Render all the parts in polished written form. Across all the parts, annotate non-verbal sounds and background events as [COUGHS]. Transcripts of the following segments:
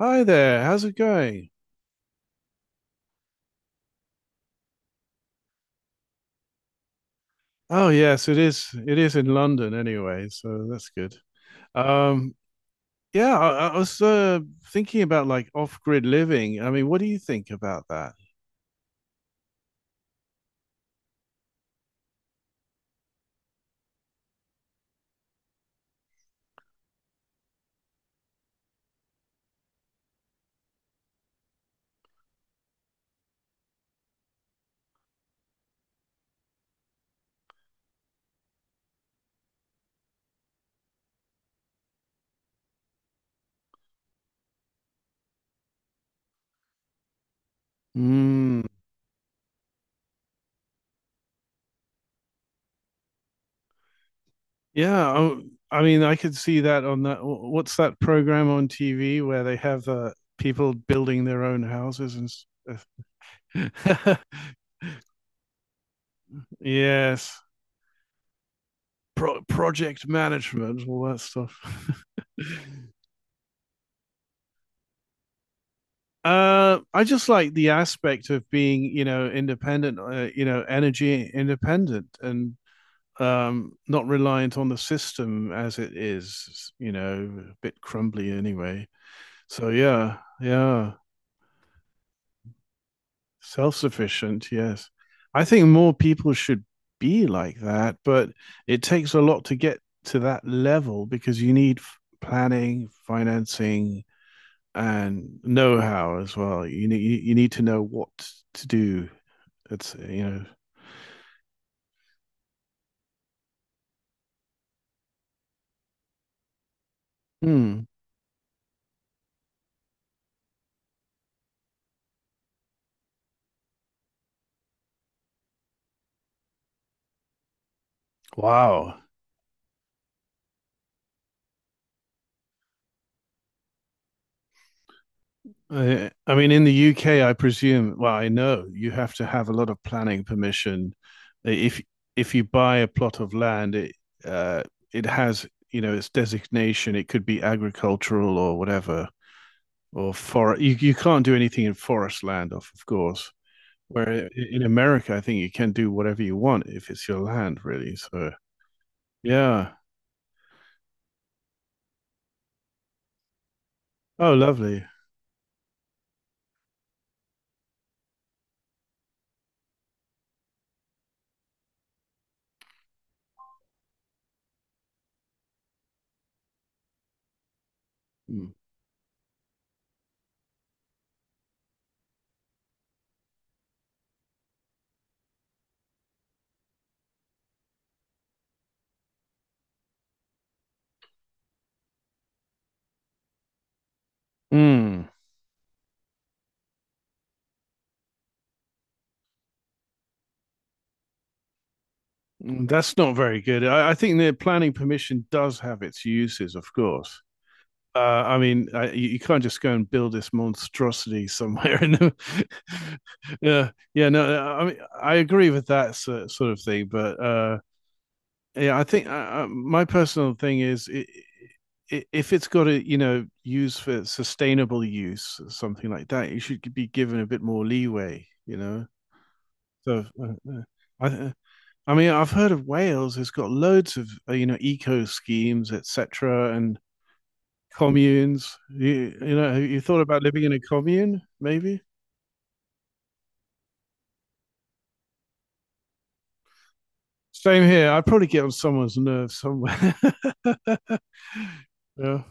Hi there, how's it going? Oh yes, it is. It is in London anyway, so that's good. Um, yeah, I was thinking about like off-grid living. I mean, what do you think about that? Mm, yeah, I mean, I could see that on that. What's that program on TV where they have people building their own houses and stuff? [LAUGHS] Yes, project management, all that stuff. [LAUGHS] I just like the aspect of being, you know, independent, you know, energy independent and not reliant on the system as it is, you know, a bit crumbly anyway. So, yeah, yeah, self sufficient, yes. I think more people should be like that, but it takes a lot to get to that level because you need planning, financing, and know how as well. You need to know what to do. It's, you know. Hmm. Wow. I mean, in the UK, I presume. Well, I know you have to have a lot of planning permission. If if you buy a plot of land, uh, it has, you know, its designation. It could be agricultural or whatever, or forest. You can't do anything in forest land, of course. Where in America, I think you can do whatever you want if it's your land, really. So yeah. Oh, lovely. Mm. Mm, that's not very good. I think the planning permission does have its uses, of course. Uh, I mean, you can't just go and build this monstrosity [LAUGHS] somewhere. In the... [LAUGHS] yeah, yeah, no, I mean, I agree with that sort of thing, but yeah, I think my personal thing is, I if it's got a, you know, use for sustainable use, something like that, you should be given a bit more leeway, you know. So uh, uh, I, uh, I mean, I've heard of Wales has got loads of you know, eco schemes, etc., and communes. You know, have you thought about living in a commune? Maybe. Same here. I'd probably get on someone's nerves somewhere. [LAUGHS] Yeah.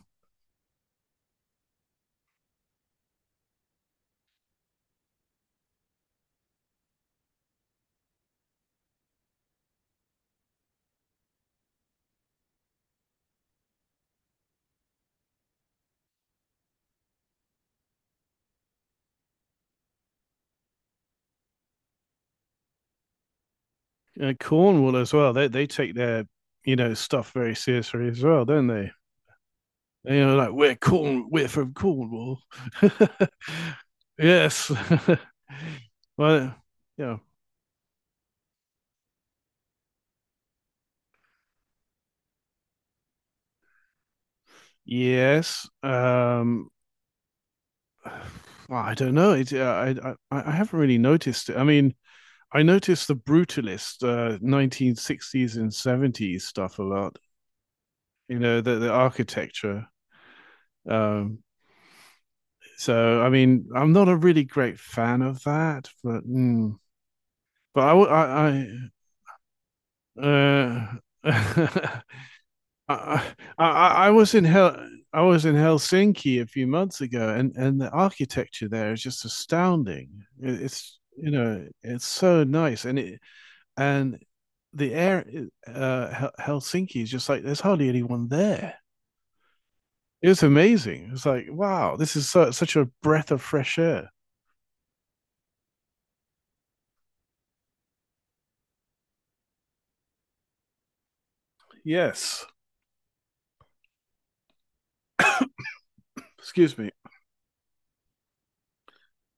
And Cornwall as well. They take their, you know, stuff very seriously as well, don't they? You know, like we're from Cornwall. [LAUGHS] Yes. [LAUGHS] Well, yeah. Yes. Well, I don't know. I haven't really noticed it. I mean, I noticed the brutalist 1960s and 70s stuff a lot. You know, the architecture. Um, so I mean, I'm not a really great fan of that, but mm, but I uh, [LAUGHS] I, I I was in Hel I was in Helsinki a few months ago, and the architecture there is just astounding. It's, you know, it's so nice, and the air uh, Helsinki is just like there's hardly anyone there. It was amazing. It's like wow, this is such a breath of fresh air. Yes, excuse me.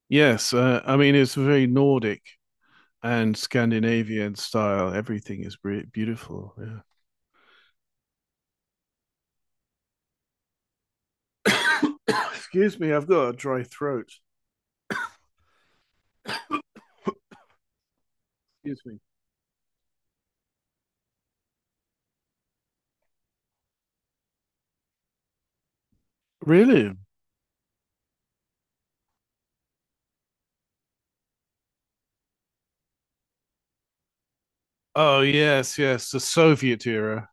Yes, I mean it's very Nordic and Scandinavian style. Everything is beautiful. Yeah. [COUGHS] excuse me, I've got a dry throat. Excuse me. Really? Oh yes, yes, the Soviet era.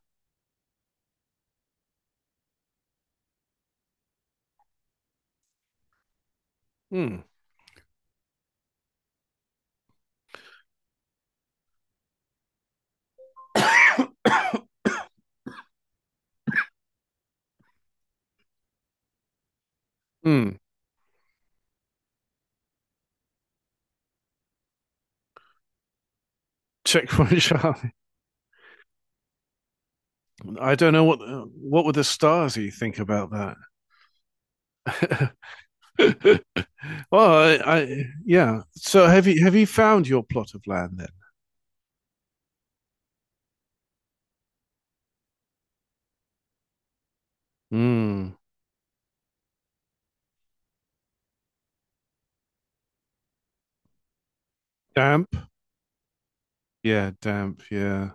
Hmm. Hmm. Checkpoint [LAUGHS] Charlie. I don't know what would the Stasi think about that. [LAUGHS] [LAUGHS] well, yeah. So have you found your plot of land then? Mm. Damp? Yeah, damp. Yeah.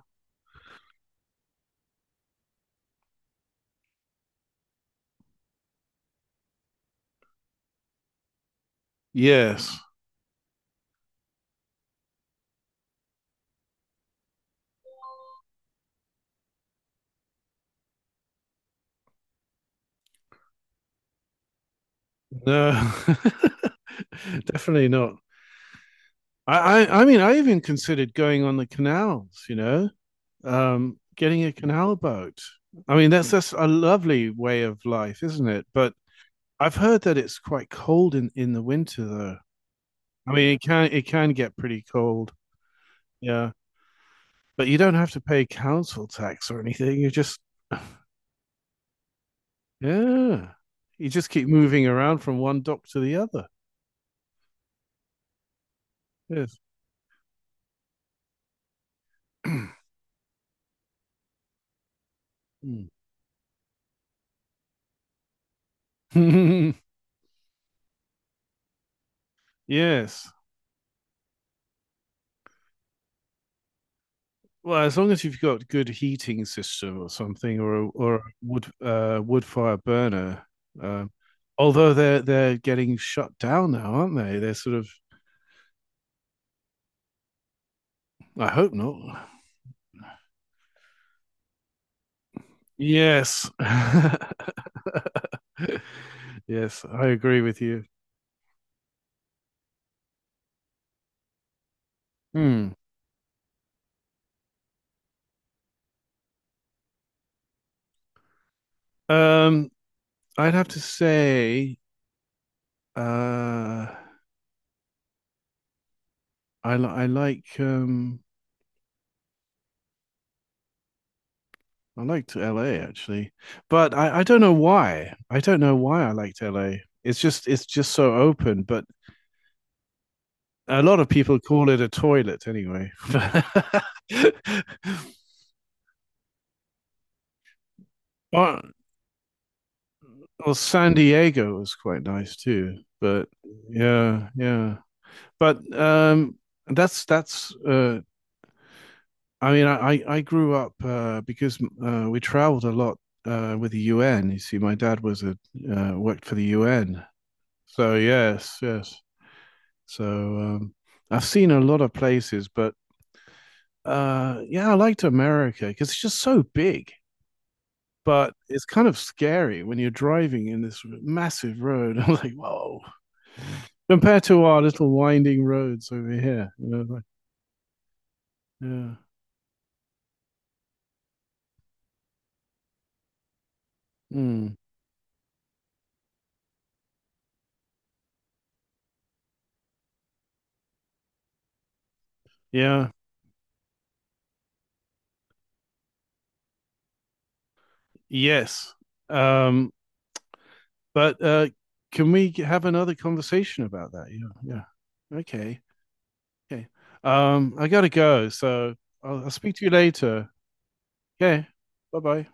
Yes. No. [LAUGHS] Definitely not. I mean I even considered going on the canals. You know, getting a canal boat. I mean that's a lovely way of life, isn't it? But I've heard that it's quite cold in the winter though. I mean it can get pretty cold. Yeah. But you don't have to pay council tax or anything. You just, [SIGHS] yeah, you just keep moving around from one dock to the other. Yes. [CLEARS THROAT] yes. Well, as long as you've got good heating system or something, or a wood wood fire burner. Um, although they're getting shut down now, aren't they? They're sort of. I hope not. Yes, [LAUGHS] yes, I agree with you. Hmm. Um, I'd have to say Uh, I like I liked LA actually, but I don't know why. I don't know why I liked LA. It's just so open, but a lot of people call it a toilet anyway. [LAUGHS] Or, or San Diego was quite nice too, but yeah, yeah. But that's I mean, I grew up because we traveled a lot with the UN. You see, my dad was a worked for the UN, so yes, yes. So I've seen a lot of places, but yeah, I liked America because it's just so big. But it's kind of scary when you're driving in this massive road. [LAUGHS] I'm like, whoa, compared to our little winding roads over here. You know, like, yeah. Mm. Yeah, yes. Um, but can we have another conversation about that? Yeah, yeah. Okay, okay. I gotta go, so I'll speak to you later. Okay, bye bye.